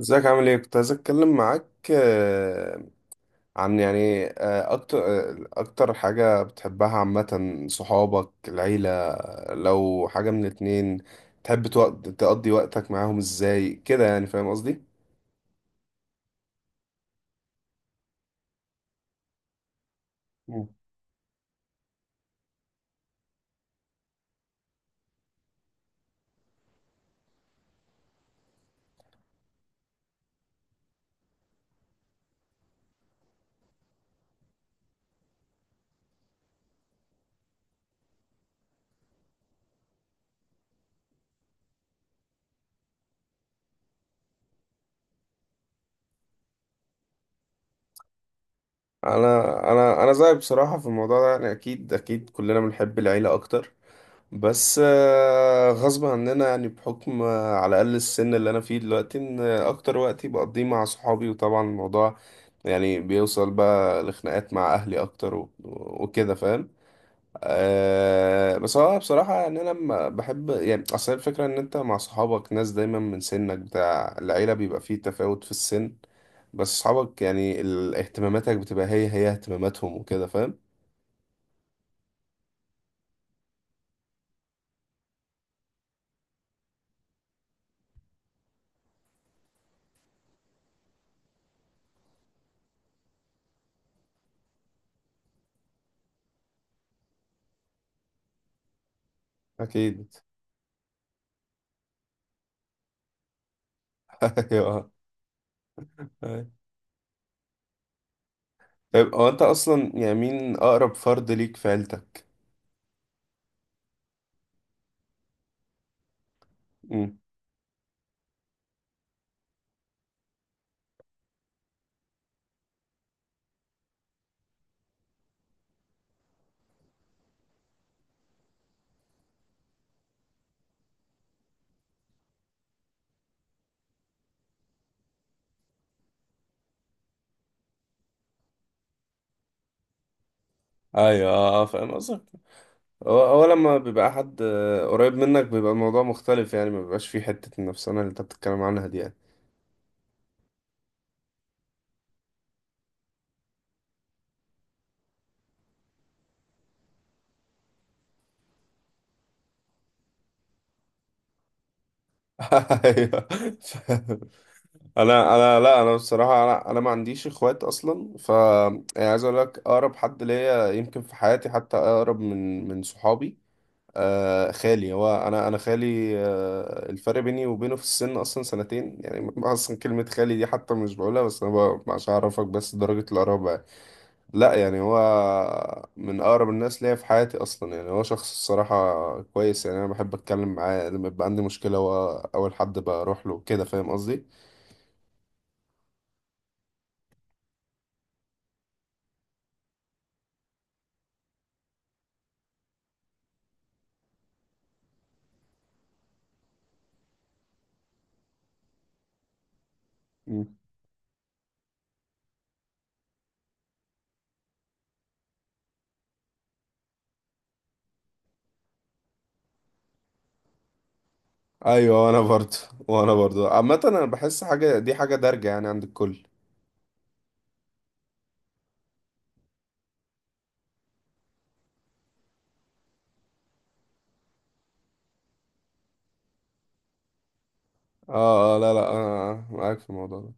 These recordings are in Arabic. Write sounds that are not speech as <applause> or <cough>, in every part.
ازيك، عامل ايه؟ كنت عايز اتكلم معاك عن اكتر، اكتر حاجة بتحبها عامة، صحابك، العيلة؟ لو حاجة من الاتنين تحب تقضي وقتك معاهم ازاي كده؟ يعني فاهم قصدي. مم. انا زيك بصراحة في الموضوع ده. يعني اكيد كلنا بنحب العيلة اكتر، بس غصب عننا يعني، بحكم على الأقل السن اللي أنا فيه دلوقتي، إن أكتر وقت بقضيه مع صحابي. وطبعا الموضوع يعني بيوصل بقى لخناقات مع أهلي أكتر وكده فاهم. أه، بس هو بصراحة يعني أنا لما بحب، يعني أصل الفكرة إن أنت مع صحابك ناس دايما من سنك، بتاع العيلة بيبقى فيه تفاوت في السن. بس صحابك يعني اهتماماتك بتبقى هي هي اهتماماتهم وكده فاهم. أكيد. <laughs> أيوه. طيب هو انت اصلا يعني مين اقرب فرد ليك في عيلتك؟ امم. ايوه، اه فاهم قصدك. هو لما بيبقى حد قريب منك بيبقى الموضوع مختلف، يعني ما بيبقاش فيه حتة النفسانة اللي انت بتتكلم عنها دي يعني. <laughs> ايوه فاهم. انا لا، انا بصراحة انا انا ما عنديش اخوات اصلا. ف يعني عايز اقول لك اقرب حد ليا يمكن في حياتي، حتى اقرب من صحابي، آه، خالي. هو انا خالي، آه، الفرق بيني وبينه في السن اصلا سنتين يعني. <laughs> اصلا كلمه خالي دي حتى مش بقولها، بس انا عشان اعرفك بس درجه القرابه يعني. لا، يعني هو من اقرب الناس ليا في حياتي اصلا. يعني هو شخص الصراحه كويس. يعني انا بحب اتكلم معاه لما يبقى عندي مشكله، هو اول حد بروح له كده فاهم قصدي. مم. ايوه. وانا برضه عامه انا بحس حاجه دي حاجه دارجه يعني عند الكل. اه، اه، لا، لا، انا معاك في الموضوع ده.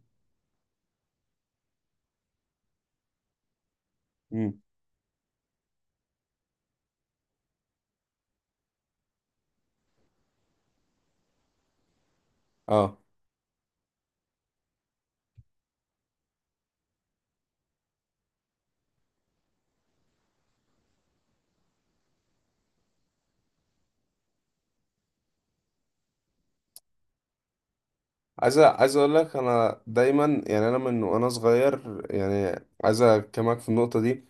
مم. اه. عايز اقول لك، انا دايما يعني انا من وانا صغير يعني، عايز اكلمك في النقطه دي.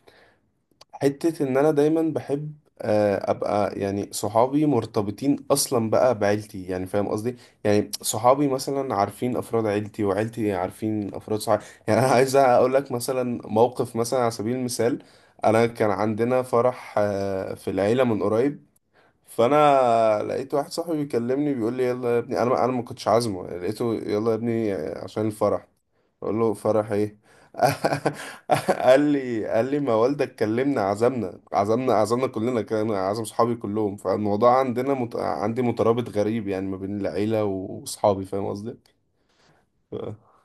حته ان انا دايما بحب، ابقى يعني صحابي مرتبطين اصلا بقى بعيلتي. يعني فاهم قصدي، يعني صحابي مثلا عارفين افراد عيلتي وعيلتي عارفين افراد صحابي. <laughs> يعني انا عايز اقول لك مثلا موقف مثلا على سبيل المثال، انا كان عندنا فرح في العيله من قريب. فانا لقيت واحد صاحبي بيكلمني بيقول لي يلا يا ابني، انا انا ما كنتش عازمه، لقيته يلا يا ابني عشان الفرح. اقول له فرح ايه؟ <laughs> قال لي ما والدك كلمنا، عزمنا عزمنا كلنا، كان عزم صحابي كلهم. فالموضوع عندنا عندي مترابط غريب يعني ما بين العيلة واصحابي فاهم قصدي. ف-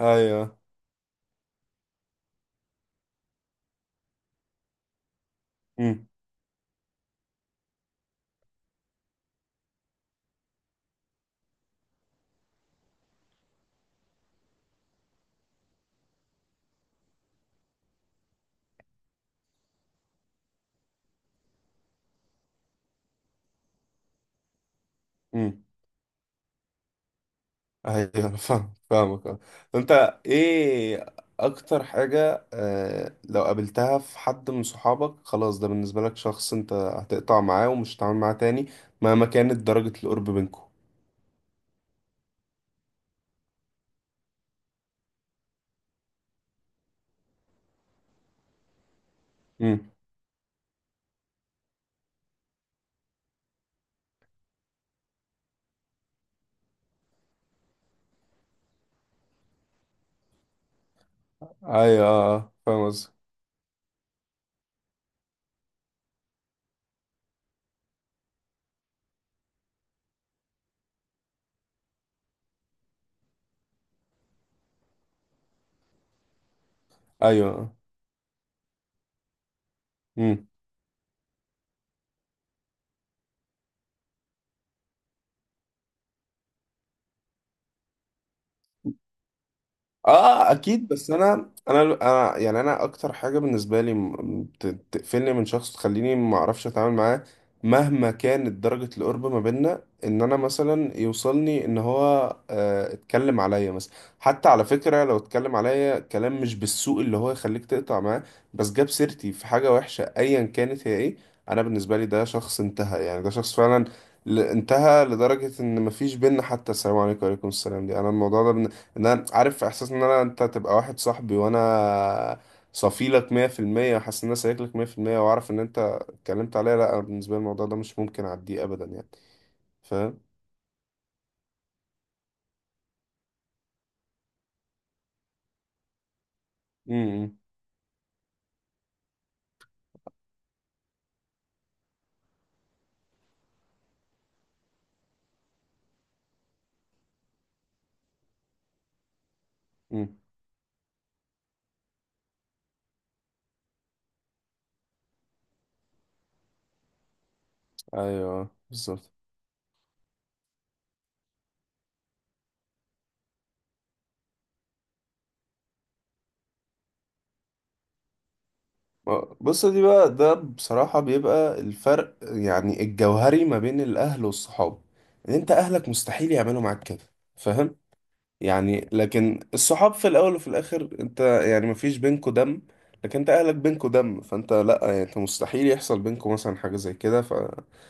ايوه. امم. ايوه. <laughs> أنا فاهم، فاهمك اه. انت ايه اكتر حاجة آه لو قابلتها في حد من صحابك خلاص ده بالنسبة لك شخص انت هتقطع معاه، ومش هتتعامل معاه تاني مهما كانت درجة القرب بينكم؟ امم. ايوه، فاهم قصدي. ايوه آه. مم. اه اكيد. بس انا يعني انا اكتر حاجه بالنسبه لي تقفلني من شخص، تخليني ما اعرفش اتعامل معاه مهما كانت درجه القرب ما بيننا، ان انا مثلا يوصلني ان هو اتكلم عليا مثلا، حتى على فكره لو اتكلم عليا كلام مش بالسوء اللي هو يخليك تقطع معاه، بس جاب سيرتي في حاجه وحشه ايا كانت هي ايه، انا بالنسبه لي ده شخص انتهى. يعني ده شخص فعلا انتهى لدرجه ان مفيش بينا حتى السلام عليكم وعليكم السلام دي. انا الموضوع ده، ان انا عارف احساس ان انا، انت تبقى واحد صاحبي وانا صفيلك 100%، وحاسس ان انا سايق لك 100%، واعرف ان انت اتكلمت عليا، لا، أنا بالنسبه لي الموضوع ده مش ممكن اعديه ابدا يعني. فاهم. امم، امم، إمم. ايوه بالظبط. بص دي بقى، ده بصراحه بيبقى الفرق يعني الجوهري ما بين الاهل والصحاب، ان انت اهلك مستحيل يعملوا معاك كده فاهم. يعني لكن الصحاب في الاول وفي الاخر انت يعني مفيش بينكوا دم، لكن انت اهلك بينكوا دم، فانت لا يعني انت مستحيل يحصل بينكوا مثلا حاجة زي كده. فعشان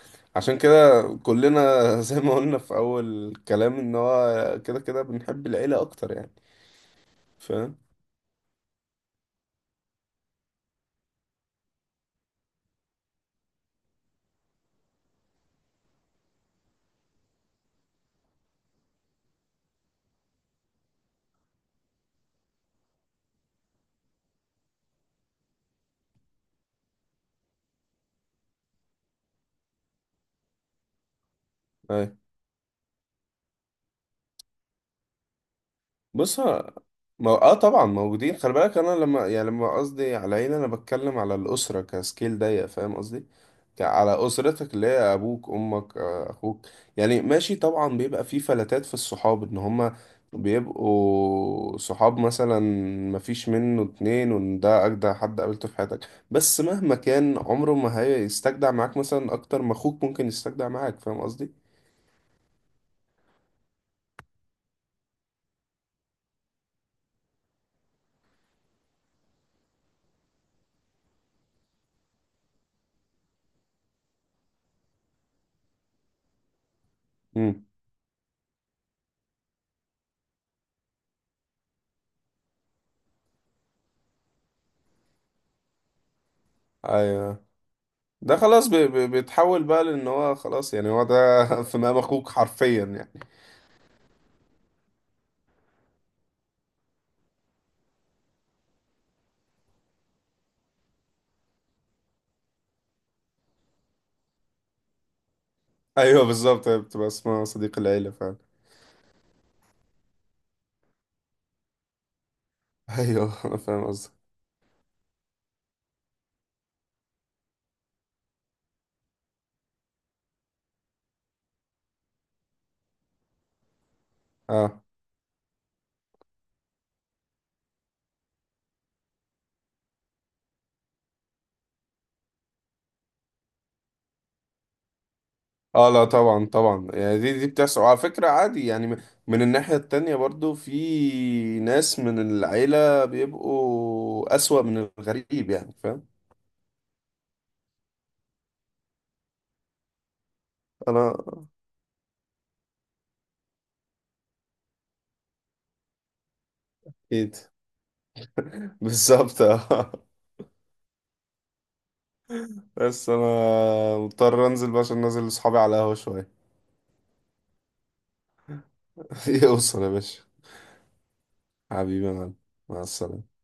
كده كلنا <laughs> زي ما قلنا في اول الكلام ان هو كده كده بنحب العيلة اكتر يعني. فاهم. أيوه. بص ه- ما اه طبعا موجودين. خلي بالك، انا لما يعني لما قصدي على عيلة انا بتكلم على الاسره كسكيل ضيق فاهم قصدي. على اسرتك اللي هي ابوك، امك، اخوك. يعني ماشي طبعا بيبقى في فلتات في الصحاب ان هما بيبقوا صحاب مثلا مفيش منه اتنين، وان ده اجدع حد قابلته في حياتك، بس مهما كان عمره ما هيستجدع معاك مثلا اكتر ما اخوك ممكن يستجدع معاك فاهم قصدي. امم. ايوه. ده خلاص بيتحول بقى، لان هو خلاص يعني هو ده <laughs> في مقام اخوك حرفيا يعني. ايوه بالظبط، هي بتبقى اسمها صديق العيله فعلا. ايوه <laughs> انا فاهم قصدك. اه. اه لا، طبعا، طبعا، يعني دي بتحصل، وعلى فكره عادي يعني. من الناحيه التانية برضو في ناس من العيله بيبقوا اسوأ من الغريب يعني فاهم. انا اكيد. <laughs> بالظبط اه. بس انا مضطر انزل بقى عشان نازل لاصحابي على القهوه شويه. <laughs> يوصل يا باشا. حبيبي يا معلم. مع السلامة.